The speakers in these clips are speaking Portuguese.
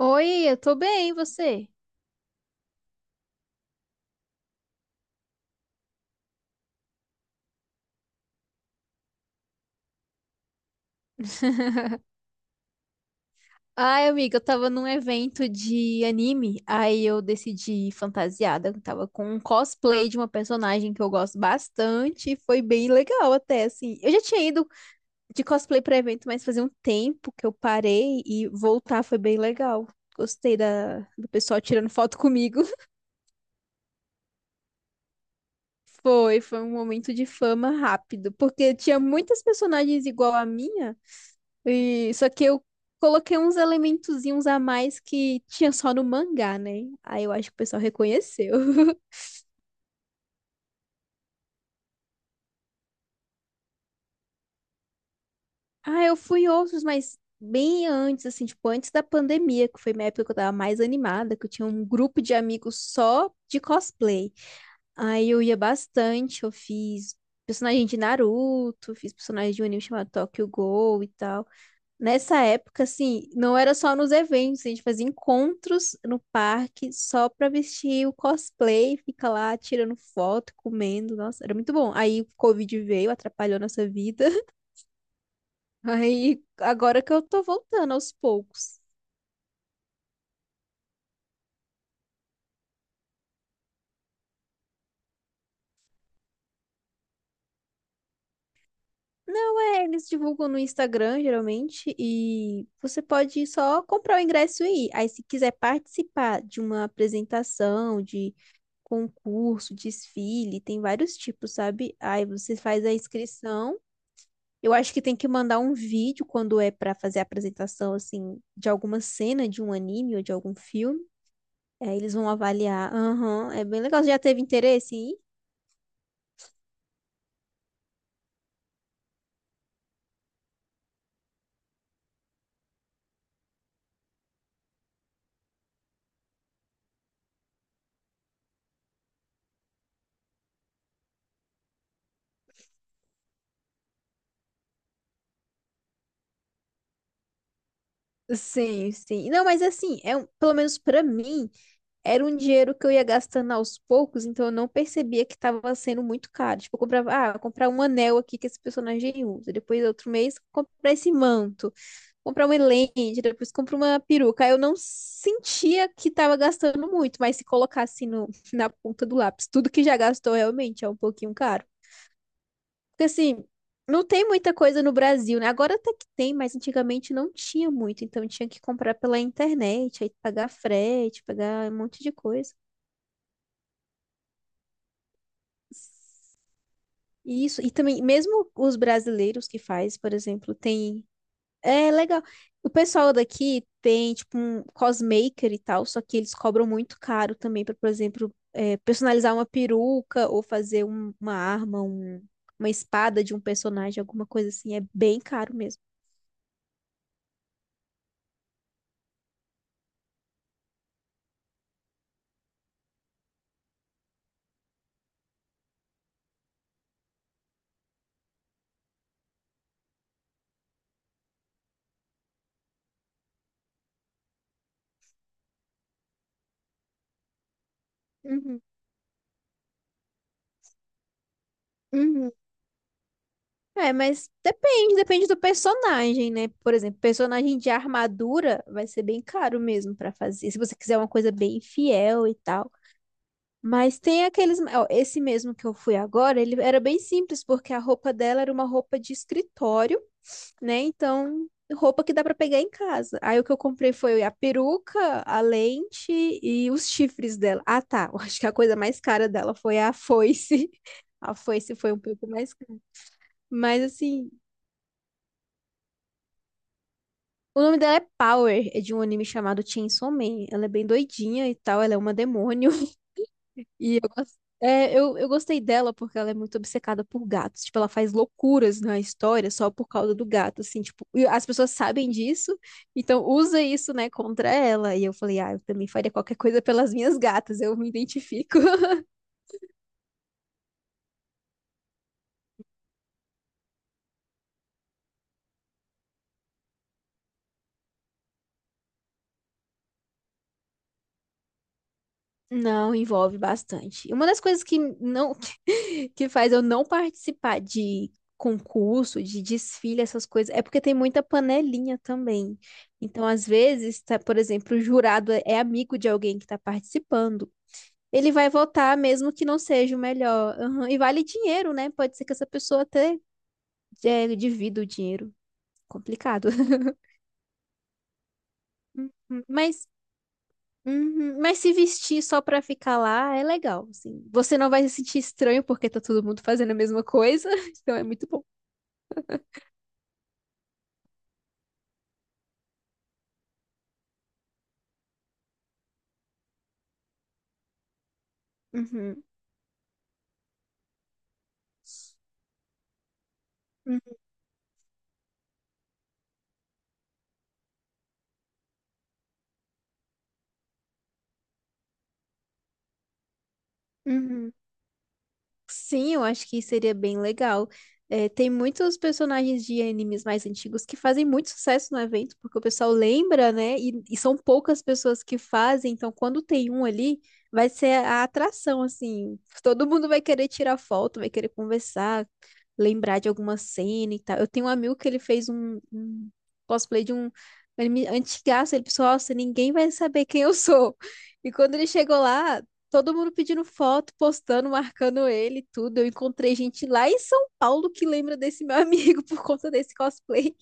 Oi, eu tô bem, e você? Ai, amiga, eu tava num evento de anime, aí eu decidi ir fantasiada, eu tava com um cosplay de uma personagem que eu gosto bastante, e foi bem legal até, assim. Eu já tinha ido de cosplay pra evento, mas fazia um tempo que eu parei e voltar foi bem legal. Gostei do pessoal tirando foto comigo. Foi um momento de fama rápido, porque tinha muitas personagens igual a minha. E, só que eu coloquei uns elementozinhos a mais que tinha só no mangá, né? Aí eu acho que o pessoal reconheceu. Ah, eu fui em outros, mas bem antes, assim, tipo, antes da pandemia, que foi minha época que eu tava mais animada, que eu tinha um grupo de amigos só de cosplay. Aí eu ia bastante, eu fiz personagem de Naruto, fiz personagem de um anime chamado Tokyo Ghoul e tal. Nessa época, assim, não era só nos eventos, a gente fazia encontros no parque só pra vestir o cosplay, fica lá tirando foto, comendo, nossa, era muito bom. Aí o Covid veio, atrapalhou nossa vida. Aí agora que eu tô voltando aos poucos. Não é, eles divulgam no Instagram, geralmente, e você pode só comprar o ingresso e ir. Aí, se quiser participar de uma apresentação, de concurso, desfile, tem vários tipos, sabe? Aí você faz a inscrição. Eu acho que tem que mandar um vídeo quando é pra fazer a apresentação, assim, de alguma cena de um anime ou de algum filme. Aí eles vão avaliar. Aham, é bem legal. Você já teve interesse em ir? Sim, sim. Não, mas assim, pelo menos pra mim. Era um dinheiro que eu ia gastando aos poucos, então eu não percebia que estava sendo muito caro. Tipo, eu comprava, ah, vou comprar um anel aqui que esse personagem usa. Depois, outro mês, comprar esse manto, comprar uma lente, depois comprar uma peruca. Aí eu não sentia que estava gastando muito, mas se colocasse no, na ponta do lápis, tudo que já gastou realmente é um pouquinho caro. Porque assim, não tem muita coisa no Brasil, né? Agora até que tem, mas antigamente não tinha muito, então tinha que comprar pela internet, aí pagar frete, pagar um monte de coisa. Isso, e também, mesmo os brasileiros que faz, por exemplo, tem. É legal. O pessoal daqui tem, tipo, um cosmaker e tal, só que eles cobram muito caro também para, por exemplo, personalizar uma peruca ou fazer uma arma, uma espada de um personagem, alguma coisa assim. É bem caro mesmo. Uhum, uhum. É, mas depende, depende do personagem, né? Por exemplo, personagem de armadura vai ser bem caro mesmo para fazer. Se você quiser uma coisa bem fiel e tal. Mas tem aqueles, ó, esse mesmo que eu fui agora, ele era bem simples, porque a roupa dela era uma roupa de escritório, né? Então, roupa que dá pra pegar em casa. Aí o que eu comprei foi a peruca, a lente e os chifres dela. Ah, tá. Eu acho que a coisa mais cara dela foi a foice. A foice foi um pouco mais cara. Mas assim. O nome dela é Power, é de um anime chamado Chainsaw Man. Ela é bem doidinha e tal, ela é uma demônio. E eu, eu gostei dela porque ela é muito obcecada por gatos. Tipo, ela faz loucuras na história só por causa do gato, assim, tipo, e as pessoas sabem disso, então usa isso, né, contra ela. E eu falei, ah, eu também faria qualquer coisa pelas minhas gatas, eu me identifico. Não, envolve bastante. E uma das coisas que não que faz eu não participar de concurso, de desfile, essas coisas, é porque tem muita panelinha também. Então, às vezes, tá, por exemplo, o jurado é amigo de alguém que está participando. Ele vai votar mesmo que não seja o melhor. Aham, e vale dinheiro, né? Pode ser que essa pessoa até divida o dinheiro. Complicado. Mas Uhum. Mas se vestir só pra ficar lá é legal, assim. Você não vai se sentir estranho porque tá todo mundo fazendo a mesma coisa, então é muito bom. Uhum, uhum, uhum. Sim, eu acho que seria bem legal. É, tem muitos personagens de animes mais antigos que fazem muito sucesso no evento, porque o pessoal lembra, né? E são poucas pessoas que fazem, então quando tem um ali, vai ser a atração, assim. Todo mundo vai querer tirar foto, vai querer conversar, lembrar de alguma cena e tal. Eu tenho um amigo que ele fez um cosplay de um anime antigaço, ele pensou, nossa, ninguém vai saber quem eu sou. E quando ele chegou lá, todo mundo pedindo foto, postando, marcando ele, e tudo. Eu encontrei gente lá em São Paulo que lembra desse meu amigo por conta desse cosplay.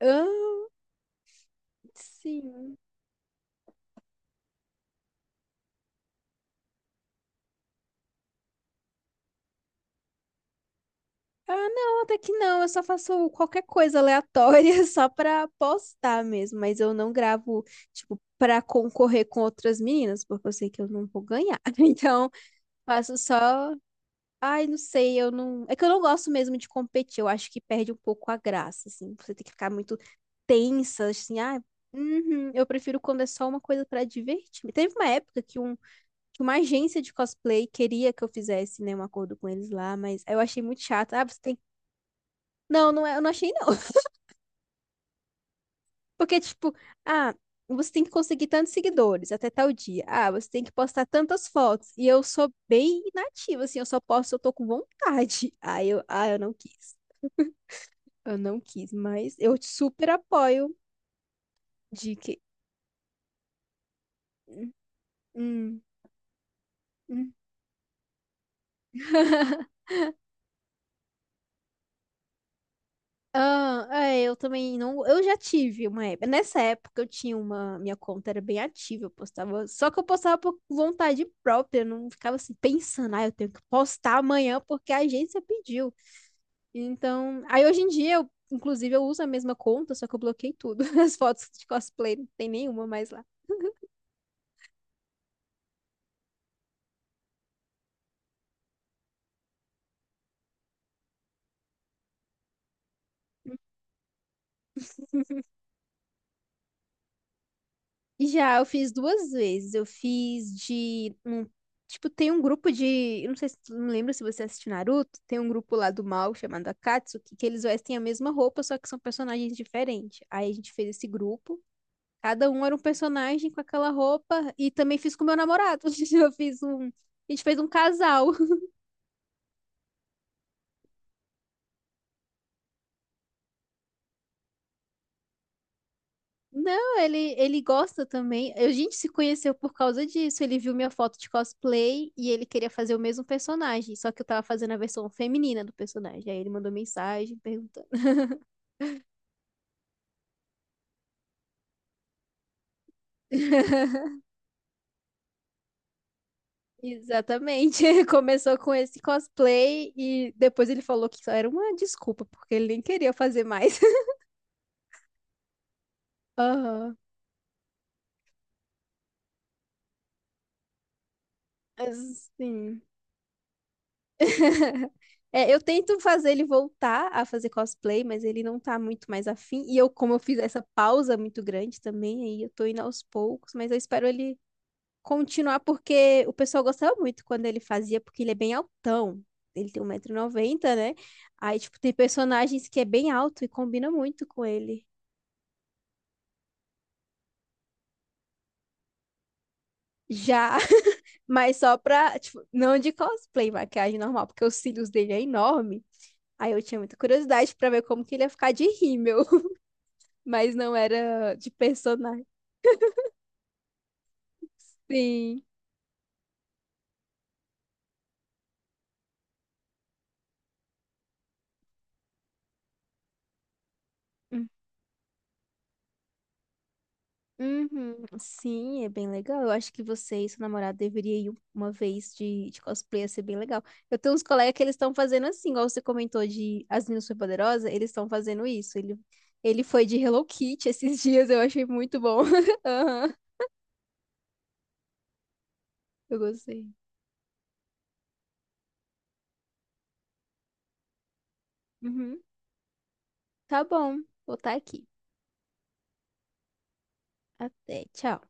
Ah, sim. Ah, não, até que não. Eu só faço qualquer coisa aleatória só pra postar mesmo. Mas eu não gravo, tipo, pra concorrer com outras meninas, porque eu sei que eu não vou ganhar. Então, faço só. Ai, não sei, eu não. É que eu não gosto mesmo de competir, eu acho que perde um pouco a graça, assim. Você tem que ficar muito tensa, assim, uhum. Eu prefiro quando é só uma coisa pra divertir. Teve uma época que, um, que uma agência de cosplay queria que eu fizesse, né, um acordo com eles lá, mas eu achei muito chato. Ah, você tem. Não, não é, eu não achei, não. Porque, tipo, ah, você tem que conseguir tantos seguidores até tal dia. Ah, você tem que postar tantas fotos. E eu sou bem inativa, assim, eu só posto se eu tô com vontade. Ah, eu não quis. Eu não quis, mas eu super apoio de que. Hum, hum. Ah, é, eu também não. Eu já tive uma época. Nessa época eu tinha uma. Minha conta era bem ativa, eu postava. Só que eu postava por vontade própria, eu não ficava assim pensando, ah, eu tenho que postar amanhã porque a agência pediu. Então. Aí hoje em dia, eu, inclusive, eu uso a mesma conta, só que eu bloqueei tudo. As fotos de cosplay, não tem nenhuma mais lá. Já, eu fiz duas vezes. Eu fiz de um, tipo, tem um grupo de, eu não sei se tu não lembra se você assiste Naruto, tem um grupo lá do mal chamado Akatsuki, que eles vestem a mesma roupa, só que são personagens diferentes. Aí a gente fez esse grupo. Cada um era um personagem com aquela roupa e também fiz com meu namorado. Eu fiz um, a gente fez um casal. Não, ele gosta também. A gente se conheceu por causa disso. Ele viu minha foto de cosplay e ele queria fazer o mesmo personagem, só que eu tava fazendo a versão feminina do personagem. Aí ele mandou mensagem perguntando. Exatamente. Começou com esse cosplay e depois ele falou que só era uma desculpa, porque ele nem queria fazer mais. Aham. Sim. É, eu tento fazer ele voltar a fazer cosplay, mas ele não tá muito mais afim. E eu, como eu fiz essa pausa muito grande também, aí eu tô indo aos poucos, mas eu espero ele continuar, porque o pessoal gostava muito quando ele fazia, porque ele é bem altão. Ele tem um 190 noventa, né? Aí, tipo, tem personagens que é bem alto e combina muito com ele. Já, mas só pra, tipo, não de cosplay, maquiagem normal, porque os cílios dele é enorme. Aí eu tinha muita curiosidade pra ver como que ele ia ficar de rímel. Mas não era de personagem. Sim. Hum. Uhum. Sim, é bem legal. Eu acho que você e seu namorado deveriam ir uma vez de cosplay, ia ser bem legal. Eu tenho uns colegas que eles estão fazendo assim, igual você comentou de As Meninas Superpoderosas, eles estão fazendo isso. Ele foi de Hello Kitty esses dias, eu achei muito bom. Aham, eu gostei. Uhum. Tá bom, vou estar aqui. Até, tchau.